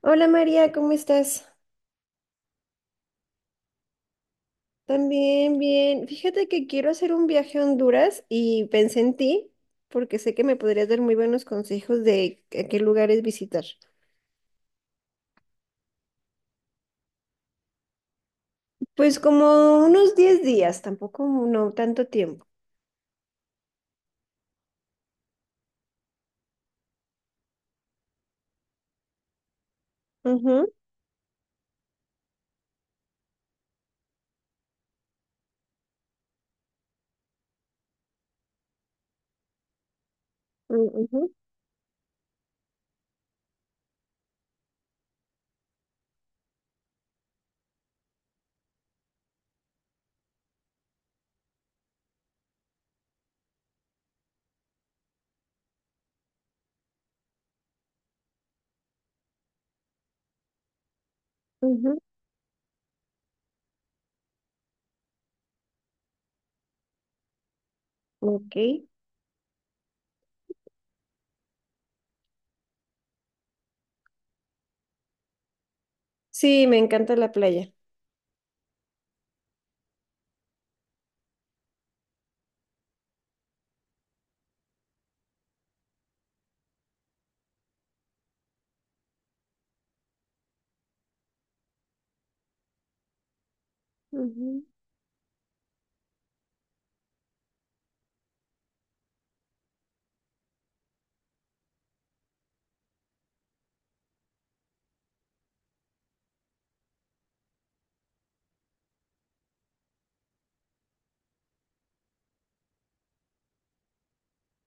Hola María, ¿cómo estás? También bien. Fíjate que quiero hacer un viaje a Honduras y pensé en ti porque sé que me podrías dar muy buenos consejos de a qué lugares visitar. Pues como unos 10 días, tampoco no tanto tiempo. Ujú, ujú, ujú, ok. Sí, me encanta la playa. Ujú.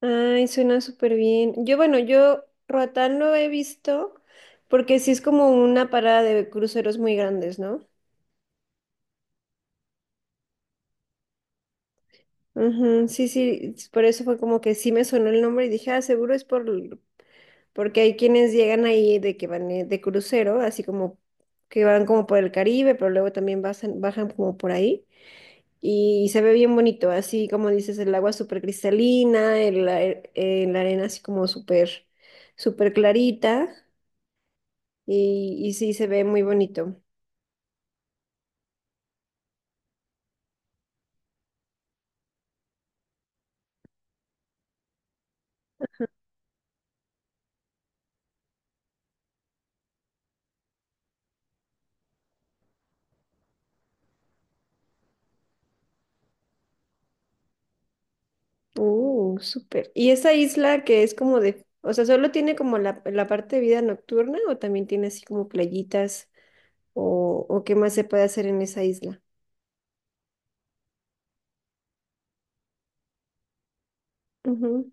Ay, suena súper bien. Yo, Roatán lo he visto porque sí es como una parada de cruceros muy grandes, ¿no? Ujú. Sí, sí, por eso fue como que sí me sonó el nombre y dije, ah, seguro es por, porque hay quienes llegan ahí de que van de crucero, así como que van como por el Caribe, pero luego también bajan, bajan como por ahí y se ve bien bonito, así como dices, el agua súper cristalina, la arena así como súper clarita y sí se ve muy bonito. Súper. ¿Y esa isla que es como de, o sea, solo tiene como la parte de vida nocturna o también tiene así como playitas o qué más se puede hacer en esa isla? Ujú.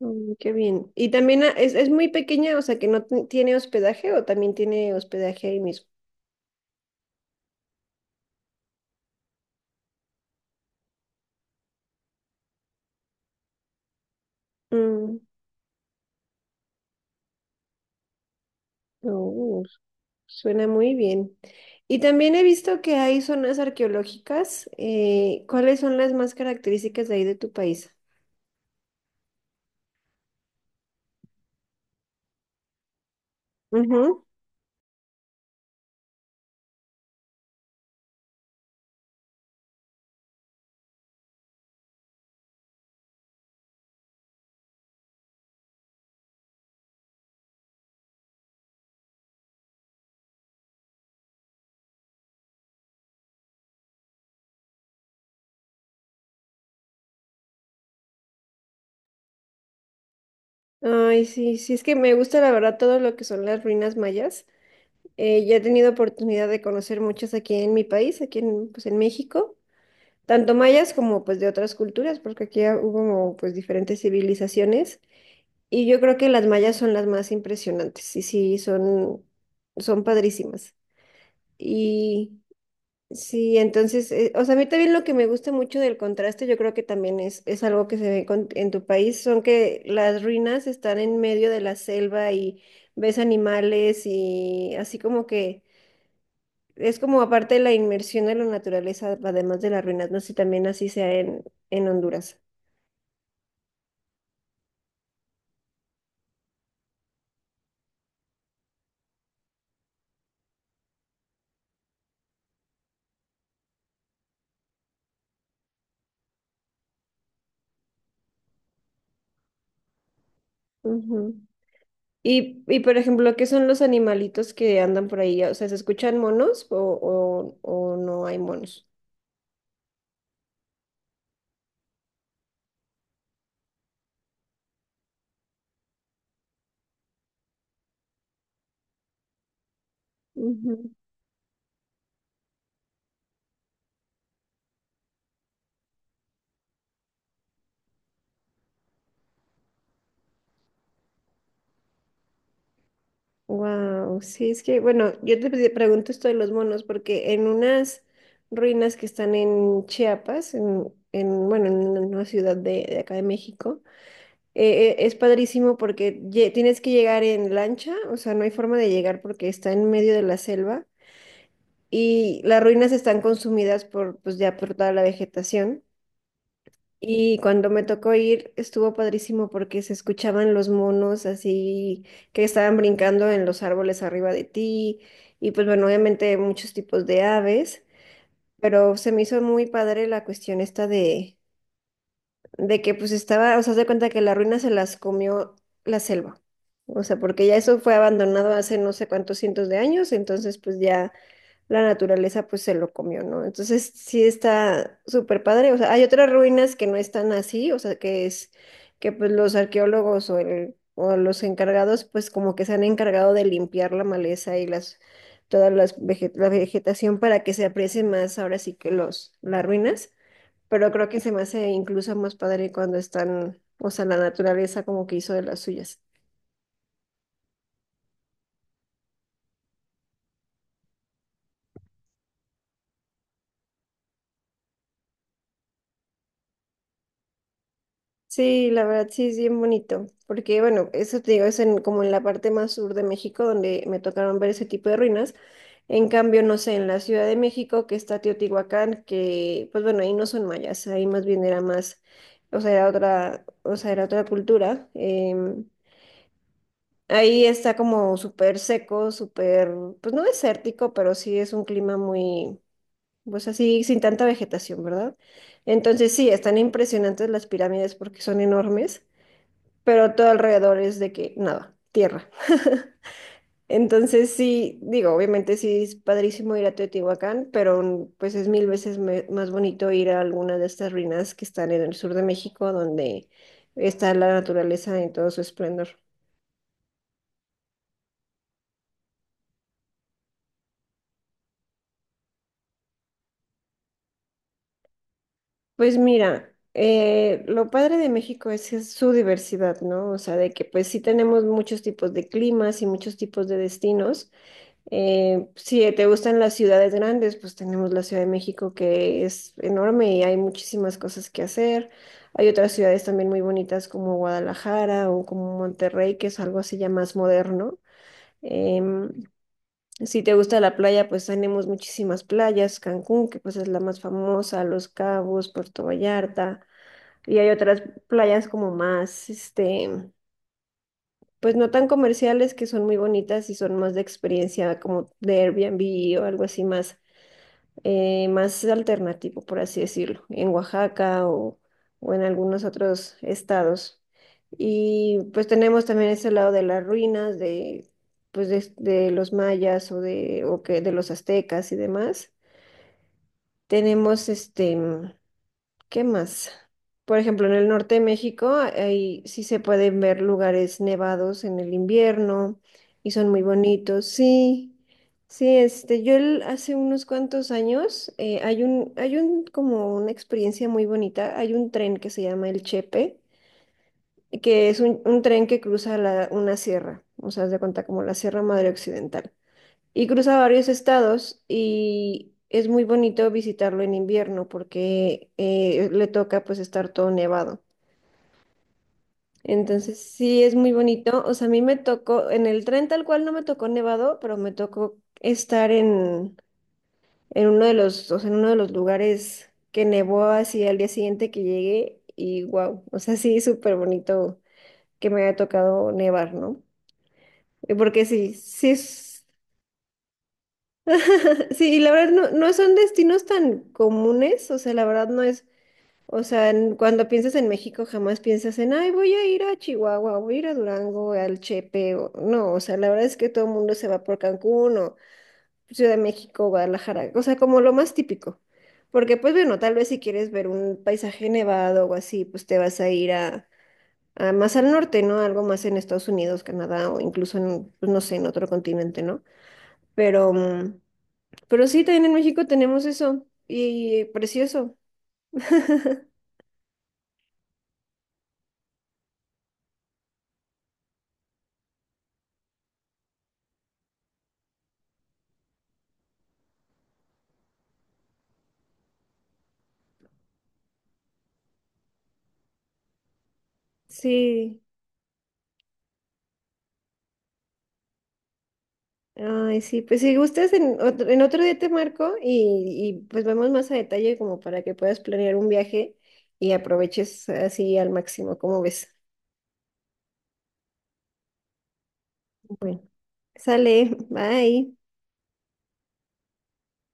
Mm, qué bien. ¿Y también ah, es muy pequeña, o sea, que no tiene hospedaje o también tiene hospedaje ahí mismo? Mm, uh, suena muy bien. Y también he visto que hay zonas arqueológicas. ¿Cuáles son las más características de ahí de tu país? Ay, sí, sí, es que me gusta la verdad todo lo que son las ruinas mayas. Ya he tenido oportunidad de conocer muchas aquí en mi país, aquí en, pues, en México, tanto mayas como pues de otras culturas, porque aquí hubo pues diferentes civilizaciones y yo creo que las mayas son las más impresionantes y sí, son, son padrísimas. Sí, entonces, o sea, a mí también lo que me gusta mucho del contraste, yo creo que también es algo que se ve en tu país, son que las ruinas están en medio de la selva y ves animales y así como que es como aparte de la inmersión en la naturaleza, además de las ruinas, no sé si también así sea en Honduras. Ujú. Y por ejemplo, ¿qué son los animalitos que andan por ahí? O sea, ¿se escuchan monos o no hay monos? Wow, sí, es que, bueno, yo te pregunto esto de los monos porque en unas ruinas que están en Chiapas, bueno, en una ciudad de acá de México, es padrísimo porque tienes que llegar en lancha, o sea, no hay forma de llegar porque está en medio de la selva y las ruinas están consumidas por, pues ya por toda la vegetación. Y cuando me tocó ir, estuvo padrísimo porque se escuchaban los monos así que estaban brincando en los árboles arriba de ti. Y pues bueno, obviamente muchos tipos de aves, pero se me hizo muy padre la cuestión esta de que pues estaba, o sea, haz de cuenta que la ruina se las comió la selva. O sea, porque ya eso fue abandonado hace no sé cuántos cientos de años, entonces pues ya la naturaleza pues se lo comió, ¿no? Entonces sí está súper padre, o sea, hay otras ruinas que no están así, o sea, que es que pues los arqueólogos o los encargados pues como que se han encargado de limpiar la maleza y las toda las la vegetación para que se aprecie más ahora sí que los las ruinas, pero creo que se me hace incluso más padre cuando están, o sea, la naturaleza como que hizo de las suyas. Sí, la verdad sí es bien bonito, porque bueno, eso te digo, es en, como en la parte más sur de México donde me tocaron ver ese tipo de ruinas. En cambio, no sé, en la Ciudad de México que está Teotihuacán, que pues bueno, ahí no son mayas, ahí más bien era más, o sea, era otra, o sea, era otra cultura. Ahí está como súper seco, súper, pues no desértico, pero sí es un clima muy, pues así, sin tanta vegetación, ¿verdad? Entonces sí, están impresionantes las pirámides porque son enormes pero todo alrededor es de que nada, tierra. Entonces sí, digo, obviamente sí es padrísimo ir a Teotihuacán, pero pues es mil veces más bonito ir a alguna de estas ruinas que están en el sur de México, donde está la naturaleza en todo su esplendor. Pues mira, lo padre de México es, que es su diversidad, ¿no? O sea, de que pues sí tenemos muchos tipos de climas y muchos tipos de destinos. Si te gustan las ciudades grandes, pues tenemos la Ciudad de México que es enorme y hay muchísimas cosas que hacer. Hay otras ciudades también muy bonitas como Guadalajara o como Monterrey, que es algo así ya más moderno. Em, si te gusta la playa, pues tenemos muchísimas playas, Cancún, que pues es la más famosa, Los Cabos, Puerto Vallarta, y hay otras playas como más, este, pues no tan comerciales que son muy bonitas y son más de experiencia como de Airbnb o algo así más más alternativo, por así decirlo, en Oaxaca o en algunos otros estados. Y pues tenemos también ese lado de las ruinas, de, pues de los mayas o, de, o que, de los aztecas y demás. Tenemos este, ¿qué más? Por ejemplo, en el norte de México, ahí sí se pueden ver lugares nevados en el invierno y son muy bonitos. Sí, sí, este, hace unos cuantos años hay un, como una experiencia muy bonita. Hay un tren que se llama el Chepe, que es un tren que cruza una sierra, o sea, haz de cuenta como la Sierra Madre Occidental y cruza varios estados y es muy bonito visitarlo en invierno porque le toca pues estar todo nevado. Entonces sí es muy bonito. O sea, a mí me tocó, en el tren tal cual no me tocó nevado, pero me tocó estar en uno de los, o sea, en uno de los lugares que nevó así al día siguiente que llegué y wow, o sea, sí, súper bonito que me haya tocado nevar, ¿no? Porque sí, sí, es- Sí, y la verdad no, no son destinos tan comunes, o sea, la verdad no es, o sea, cuando piensas en México jamás piensas en, ay, voy a ir a Chihuahua, voy a ir a Durango, al Chepe, no, o sea, la verdad es que todo el mundo se va por Cancún o Ciudad de México, Guadalajara, o sea, como lo más típico, porque pues bueno, tal vez si quieres ver un paisaje nevado o así, pues te vas a ir a más al norte, ¿no? Algo más en Estados Unidos, Canadá o incluso en, pues, no sé, en otro continente, ¿no? Pero... mm, pero sí, también en México tenemos eso. Y precioso. Sí. Ay, sí. Pues si gustas, en otro día te marco y pues vemos más a detalle como para que puedas planear un viaje y aproveches así al máximo, como ves. Bueno, sale. Bye.